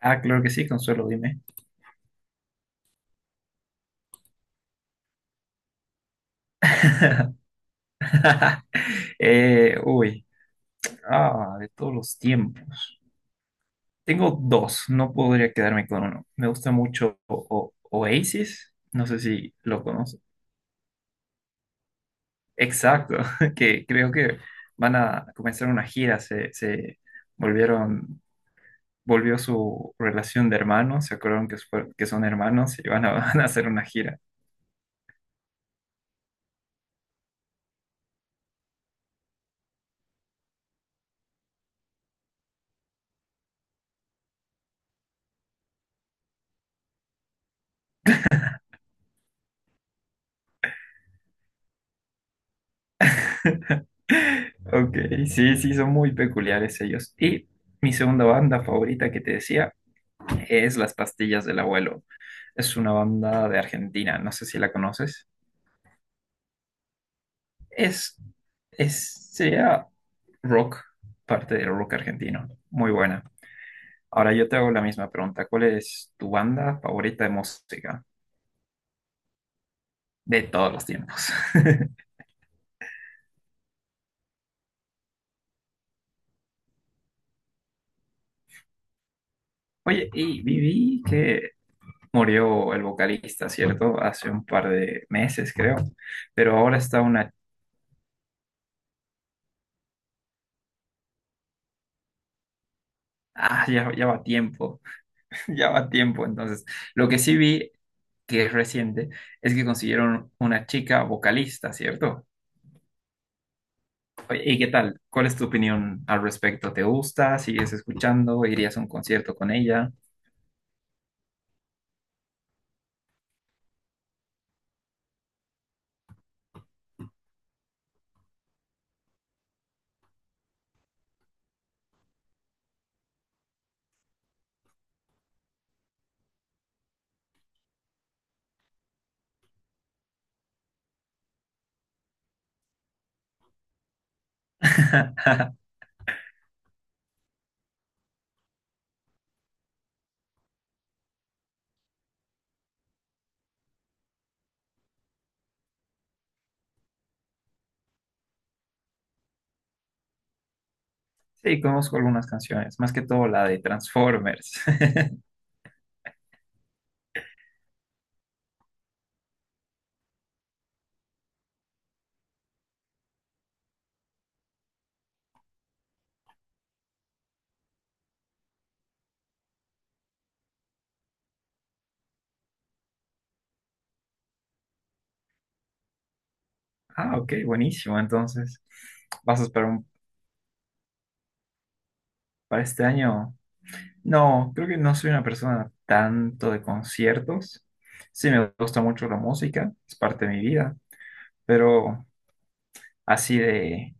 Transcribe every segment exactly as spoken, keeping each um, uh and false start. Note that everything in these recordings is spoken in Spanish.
Ah, claro que sí, Consuelo, dime. Eh, uy, ah, de todos los tiempos. Tengo dos, no podría quedarme con uno. Me gusta mucho O- O- Oasis, no sé si lo conoces. Exacto, que creo que van a comenzar una gira, se, se volvieron, volvió su relación de hermanos, se acordaron que, fue- que son hermanos y van a, van a hacer una gira. Ok, sí, sí, son muy peculiares ellos. Y mi segunda banda favorita que te decía es Las Pastillas del Abuelo. Es una banda de Argentina, no sé si la conoces. Es, es, sería rock, parte del rock argentino. Muy buena. Ahora yo te hago la misma pregunta. ¿Cuál es tu banda favorita de música de todos los tiempos? Oye, y viví que murió el vocalista, ¿cierto? Hace un par de meses, creo. Pero ahora está una... Ah, ya, ya va tiempo. Ya va tiempo, entonces. Lo que sí vi, que es reciente, es que consiguieron una chica vocalista, ¿cierto? Oye, ¿y qué tal? ¿Cuál es tu opinión al respecto? ¿Te gusta? ¿Sigues escuchando? ¿Irías a un concierto con ella? Sí, conozco algunas canciones, más que todo la de Transformers. Ah, ok, buenísimo. Entonces, ¿vas a esperar un- ¿para este año? No, creo que no soy una persona tanto de conciertos. Sí, me gusta mucho la música, es parte de mi vida, pero así de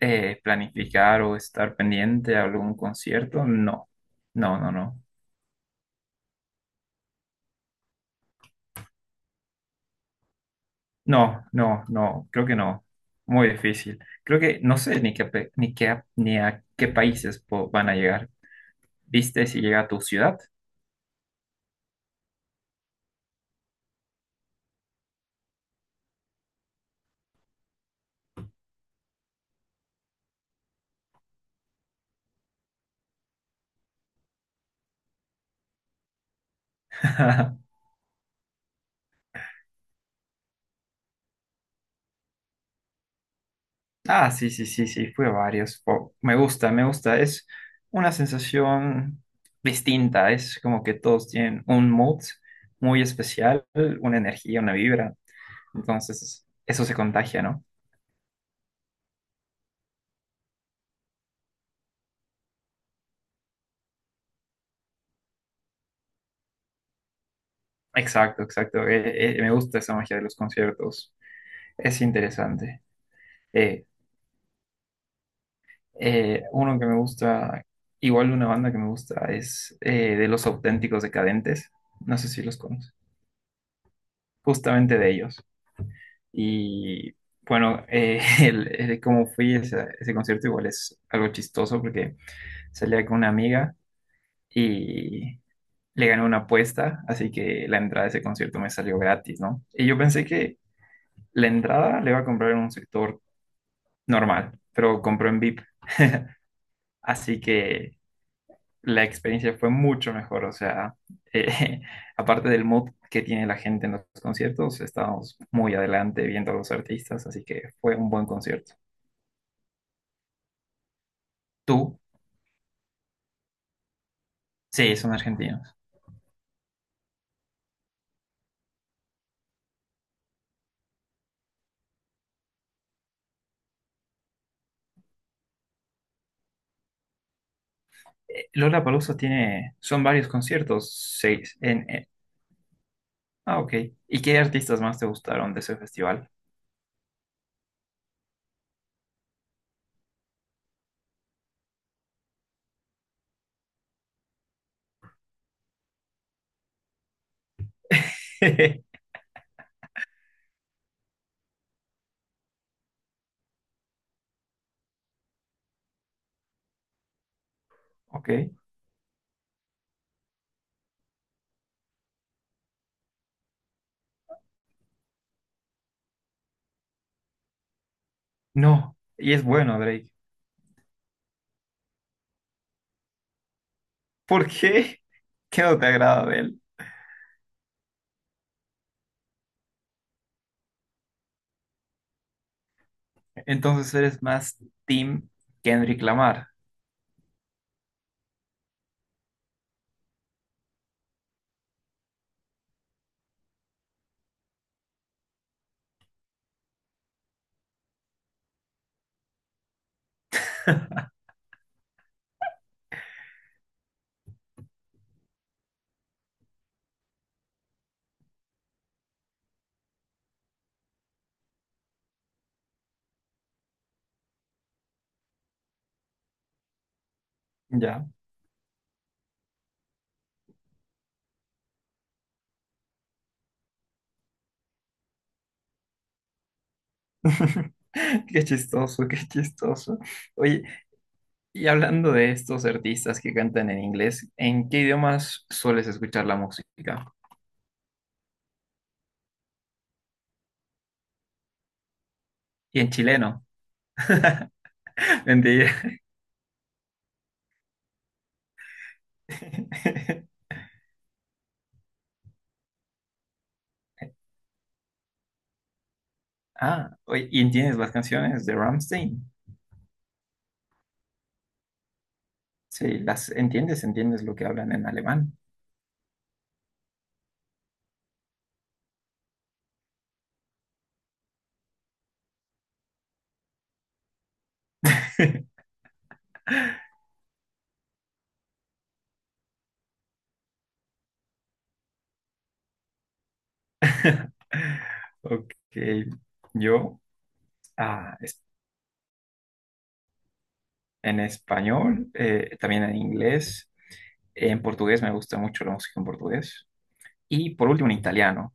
eh, planificar o estar pendiente a algún concierto, no, no, no, no, no, no, no, creo que no, muy difícil. Creo que no sé ni qué, pe- ni qué, ni a qué países po- van a llegar. ¿Viste si llega a tu ciudad? Ah, sí, sí, sí, sí, fui a varios. Po- me gusta, me gusta. Es una sensación distinta. Es como que todos tienen un mood muy especial, una energía, una vibra. Entonces, eso se contagia, no. Exacto, exacto. Eh, eh, me gusta esa magia de los conciertos. Es interesante. Eh, eh, uno que me gusta, igual una banda que me gusta, es eh, de Los Auténticos Decadentes. No sé si los conoces. Justamente de ellos. Y bueno, eh, el, el cómo fui a ese, ese concierto igual es algo chistoso porque salía con una amiga y le gané una apuesta, así que la entrada a ese concierto me salió gratis, ¿no? Y yo pensé que... La entrada le iba a comprar en un sector normal, pero compró en V I P, así que la experiencia fue mucho mejor, o sea, eh, aparte del mood que tiene la gente en los conciertos, estábamos muy adelante viendo a los artistas, así que fue un buen concierto. ¿Tú? Sí, son argentinos. Eh, Lollapalooza tiene, son varios conciertos, seis. En, en- ah, ok. ¿Y qué artistas más te gustaron de ese festival? Ok. No, y es bueno, Drake. ¿Por qué? ¿Qué no te agrada de él? Entonces eres más Team Kendrick Lamar. Ya. Qué chistoso, qué chistoso. Oye, y hablando de estos artistas que cantan en inglés, ¿en qué idiomas sueles escuchar la música? Y en chileno. Mentira. Ah, oye, ¿y entiendes las canciones de Rammstein? Sí, las entiendes, entiendes lo que hablan en alemán. Ok, yo, ah, en español, eh, también en inglés, en portugués me gusta mucho la música en portugués y por último en italiano.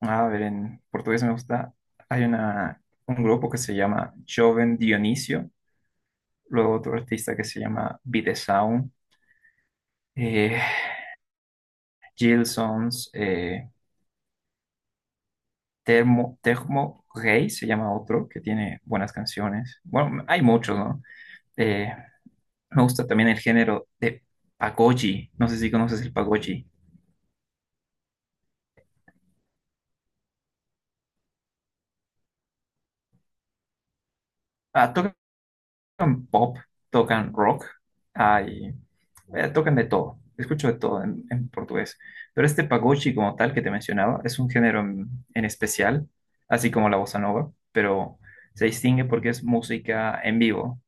A ver, en portugués me gusta, hay una, un grupo que se llama Joven Dionisio, luego otro artista que se llama Videsound, eh, Gilsons, eh, Termo, Termo Rey se llama otro que tiene buenas canciones. Bueno, hay muchos, ¿no? Eh, me gusta también el género de pagode, no sé si conoces el pagode. Ah, ¿tú tocan pop, tocan rock, hay, eh, tocan de todo. Escucho de todo en, en portugués. Pero este pagode como tal que te mencionaba es un género en, en especial, así como la bossa nova, pero se distingue porque es música en vivo.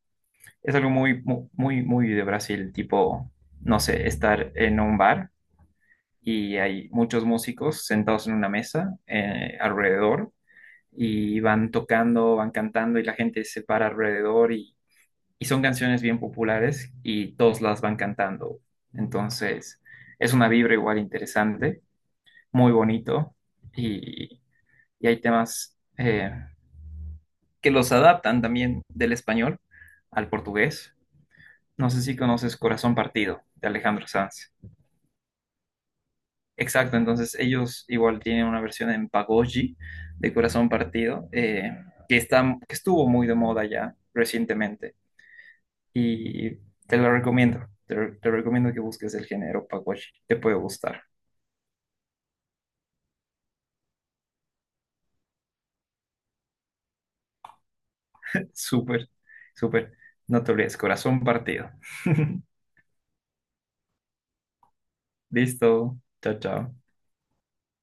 Es algo muy, mu- muy, muy de Brasil, tipo, no sé, estar en un bar y hay muchos músicos sentados en una mesa eh, alrededor y van tocando, van cantando y la gente se para alrededor y y son canciones bien populares y todos las van cantando. Entonces, es una vibra igual interesante, muy bonito y, y hay temas eh, que los adaptan también del español al portugués. No sé si conoces Corazón Partido de Alejandro Sanz. Exacto, entonces ellos igual tienen una versión en Pagoji de Corazón Partido eh, que está, que estuvo muy de moda ya recientemente. Y te lo recomiendo. Te, re- te recomiendo que busques el género Paguachi. Te puede gustar. Súper, súper. No te olvides, corazón partido. Listo. Chao, chao.